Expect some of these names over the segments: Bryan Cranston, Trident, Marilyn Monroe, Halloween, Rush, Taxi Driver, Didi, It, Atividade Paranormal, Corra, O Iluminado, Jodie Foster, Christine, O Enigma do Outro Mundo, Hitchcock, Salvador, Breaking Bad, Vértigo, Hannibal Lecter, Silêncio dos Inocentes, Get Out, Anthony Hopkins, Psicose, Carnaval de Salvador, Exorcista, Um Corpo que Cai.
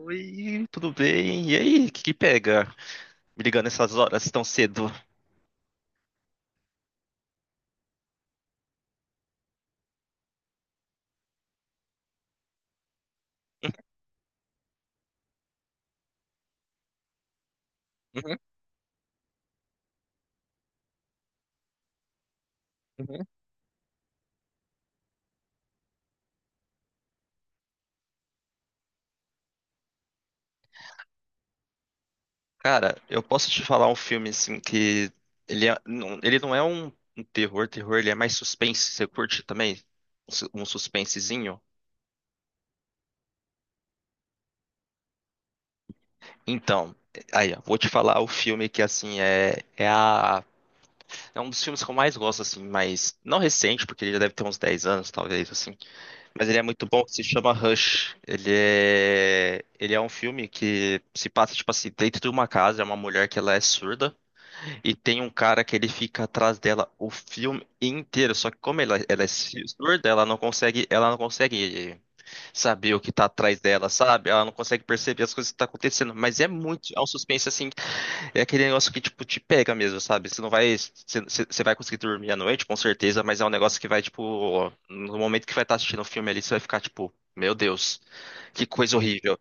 Oi, tudo bem? E aí, o que que pega? Me ligando essas horas tão cedo. Uhum, uhum. Cara, eu posso te falar um filme assim que ele não é um terror, terror, ele é mais suspense. Você curte também um suspensezinho? Então, aí, ó, vou te falar o filme que assim é é a é um dos filmes que eu mais gosto assim, mas não recente, porque ele já deve ter uns 10 anos, talvez assim. Mas ele é muito bom, que se chama Rush. Ele é um filme que se passa, tipo assim, dentro de uma casa, é uma mulher que ela é surda, e tem um cara que ele fica atrás dela o filme inteiro. Só que como ela é surda, ela não consegue saber o que tá atrás dela, sabe? Ela não consegue perceber as coisas que tá acontecendo. Mas é um suspense assim. É aquele negócio que, tipo, te pega mesmo, sabe? Você não vai. Você vai conseguir dormir à noite, com certeza, mas é um negócio que vai, tipo. No momento que vai estar assistindo o filme ali, você vai ficar, tipo, meu Deus, que coisa horrível.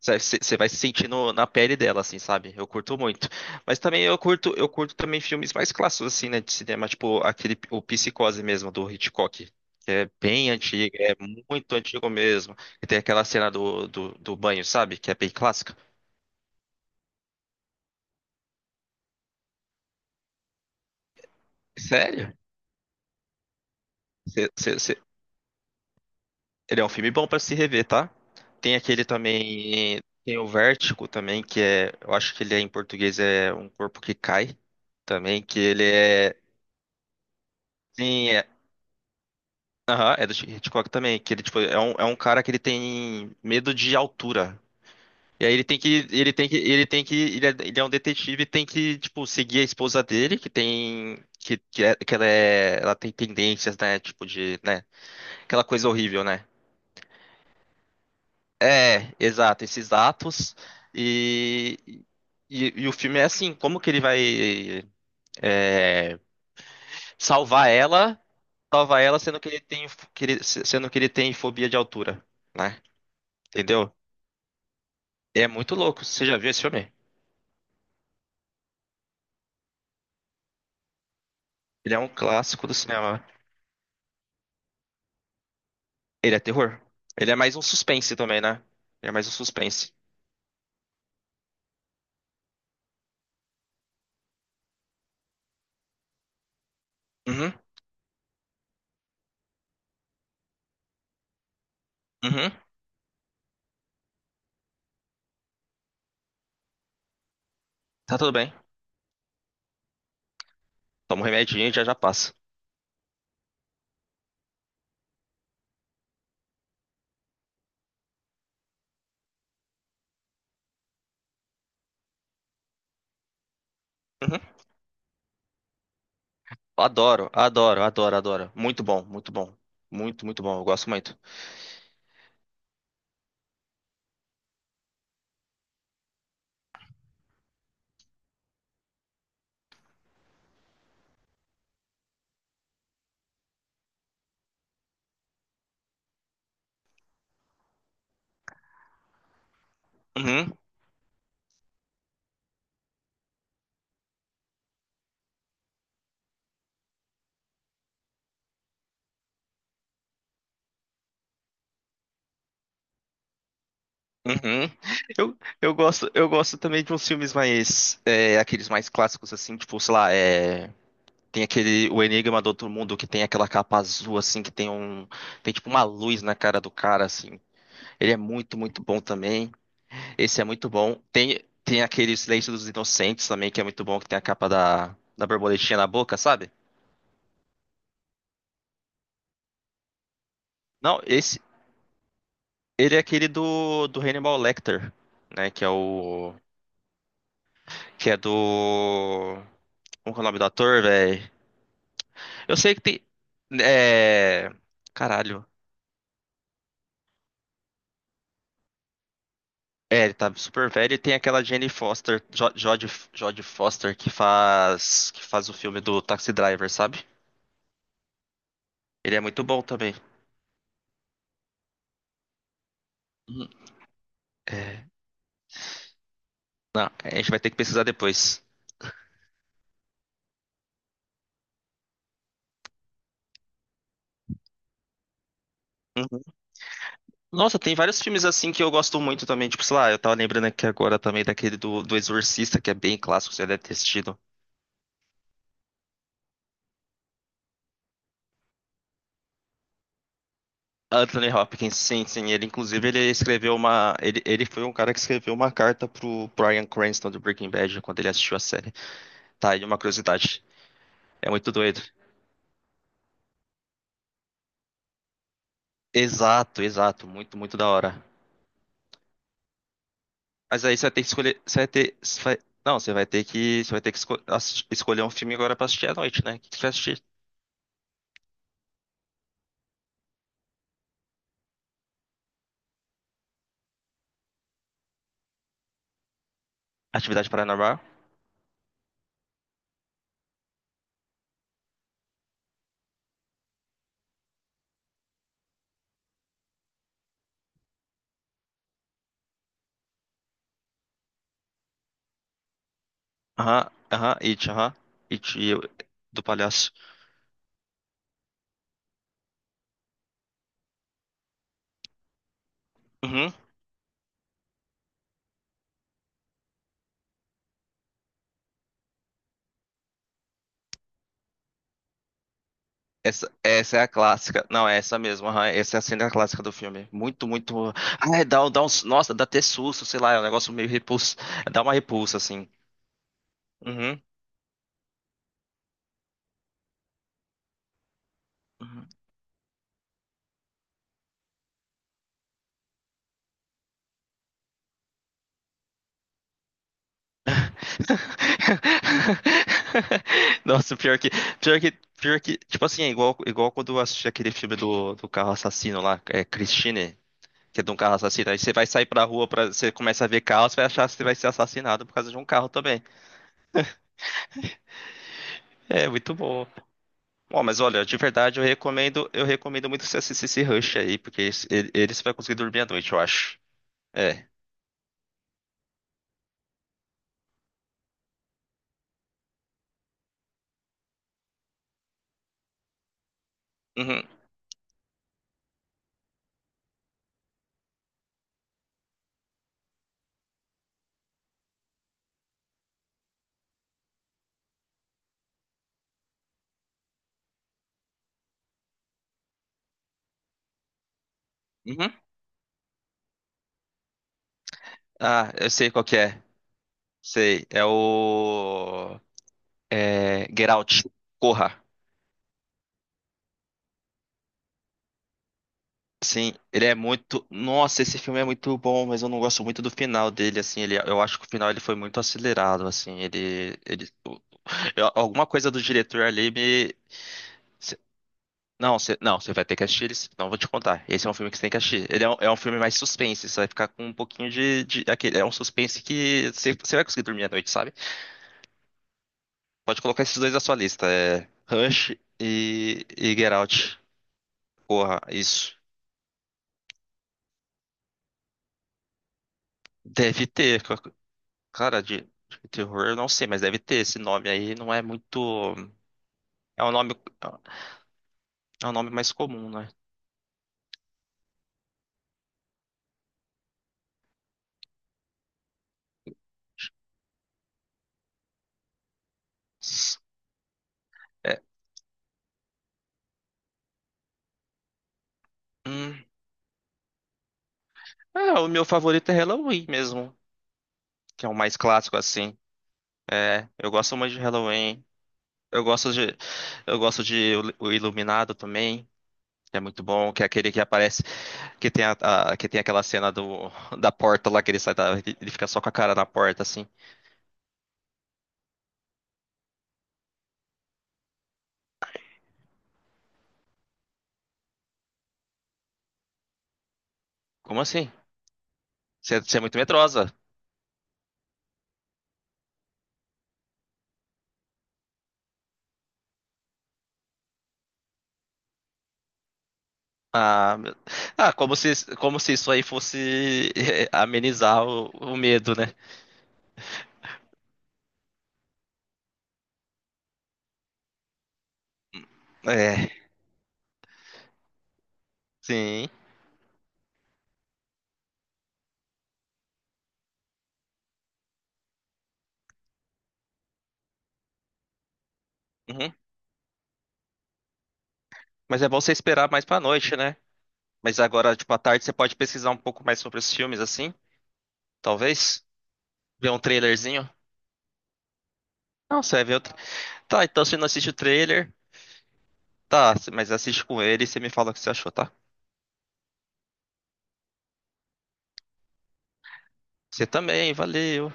Você vai se sentindo na pele dela, assim, sabe? Eu curto muito. Mas também eu curto também filmes mais clássicos, assim, né, de cinema, tipo aquele, o Psicose mesmo, do Hitchcock. Que É bem antigo, é muito antigo mesmo. E tem aquela cena do banho, sabe? Que é bem clássica. Sério? Ele é um filme bom pra se rever, tá? Tem aquele também, tem o Vértigo também, que é, eu acho que ele é em português é Um Corpo que Cai, também, sim, é, aham, é do Hitchcock também, que ele, tipo, é um cara que ele tem medo de altura. E aí ele tem que, ele tem que, ele tem que, ele é um detetive e tem que, tipo, seguir a esposa dele, que tem, que, é- que ela tem tendências, né, tipo de, né, aquela coisa horrível, né? É, exato, esses atos. E, e o filme é assim, como que ele vai é, salvar ela, salvar ela sendo que ele tem, sendo que ele tem fobia de altura, né? Entendeu? É muito louco. Você já viu esse filme? Ele é um clássico do cinema. Ele é terror. Ele é mais um suspense também, né? Ele é mais um suspense. Uhum, uhum. Tá tudo bem. Toma um remedinho e já já passa. Uhum. Adoro, adoro, adoro, adoro. Muito bom, muito bom. Muito, muito bom. Eu gosto muito. Uhum. Uhum. Eu gosto também de uns filmes mais, é, aqueles mais clássicos assim, tipo, sei lá, é, tem aquele O Enigma do Outro Mundo que tem aquela capa azul assim, tem tipo uma luz na cara do cara assim. Ele é muito, muito bom também. Esse é muito bom. Tem aquele Silêncio dos Inocentes também que é muito bom, que tem a capa da borboletinha na boca, sabe? Não, esse, ele é aquele do Hannibal Lecter, né? Que é do, como que é o nome do ator, velho? Eu sei que tem. É. Caralho. É, ele tá super velho e tem aquela Jane Foster, Jodie Foster, que faz. Que faz o filme do Taxi Driver, sabe? Ele é muito bom também. Uhum. É. Não, a gente vai ter que pesquisar depois. Uhum. Nossa, tem vários filmes assim que eu gosto muito também. Tipo, sei lá, eu tava lembrando aqui agora também daquele do Exorcista, que é bem clássico, você deve ter assistido. Anthony Hopkins, sim, sim. Ele foi um cara que escreveu uma carta pro Bryan Cranston do Breaking Bad quando ele assistiu a série. Tá aí uma curiosidade. É muito doido. Exato, exato. Muito, muito da hora. Mas aí você vai ter que escolher. Você vai ter. Você vai- não, você vai ter que. Você vai ter que escolher um filme agora pra assistir à noite, né? O que você vai assistir? Atividade Paranormal? Aham, aham. It e o- do Palhaço. Uhum. Essa é a clássica. Não, é essa mesmo. Aham, essa é a cena clássica do filme. Muito, muito. Ah, é, dá, um- dá uns. Nossa, dá até susto, sei lá, é um negócio meio repulso. Dá uma repulsa, assim. Uhum. Uhum. Nossa, pior que, pior que, pior que, tipo assim, é igual, igual quando eu assisti aquele filme do carro assassino lá, é Christine, que é de um carro assassino, aí você vai sair pra rua, pra, você começa a ver carro, você vai achar que você vai ser assassinado por causa de um carro também. É, muito bom. Bom, mas olha, de verdade eu recomendo muito você assistir esse Rush aí, porque ele você vai conseguir dormir à noite, eu acho. É. Uhum. Uhum. Ah, eu sei qual que é. Sei. É o. É. Get Out. Corra. Sim, ele é muito. Nossa, esse filme é muito bom, mas eu não gosto muito do final dele, assim. Ele, eu acho que o final ele foi muito acelerado, assim. Eu- alguma coisa do diretor ali me. Não, você não, você vai ter que assistir ele, sim, não vou te contar. Esse é um filme que você tem que assistir. É um filme mais suspense, você vai ficar com um pouquinho de aquele, é um suspense que você, você vai conseguir dormir à noite, sabe? Pode colocar esses dois na sua lista, é Rush e Get Out. Porra, isso deve ter, cara, de terror, eu não sei, mas deve ter esse nome aí, não é muito, é um nome, é um nome mais comum, né? É, hum, é, o meu favorito é Halloween mesmo, que é o mais clássico assim. É, eu gosto muito de Halloween. Eu gosto de, eu gosto de O Iluminado também, que é muito bom, que é aquele que aparece, que tem a, que tem aquela cena do, da porta lá que ele sai da, ele fica só com a cara na porta assim. Como assim? Você é muito medrosa. Ah, meu- ah, como se isso aí fosse eh, amenizar o medo, né? É, sim. Uhum. Mas é bom você esperar mais pra noite, né? Mas agora, tipo, à tarde você pode pesquisar um pouco mais sobre os filmes, assim, talvez. Ver um trailerzinho. Não, você vai ver outro. Tá, então você não assiste o trailer. Tá, mas assiste com ele e você me fala o que você achou, tá? Você também, valeu.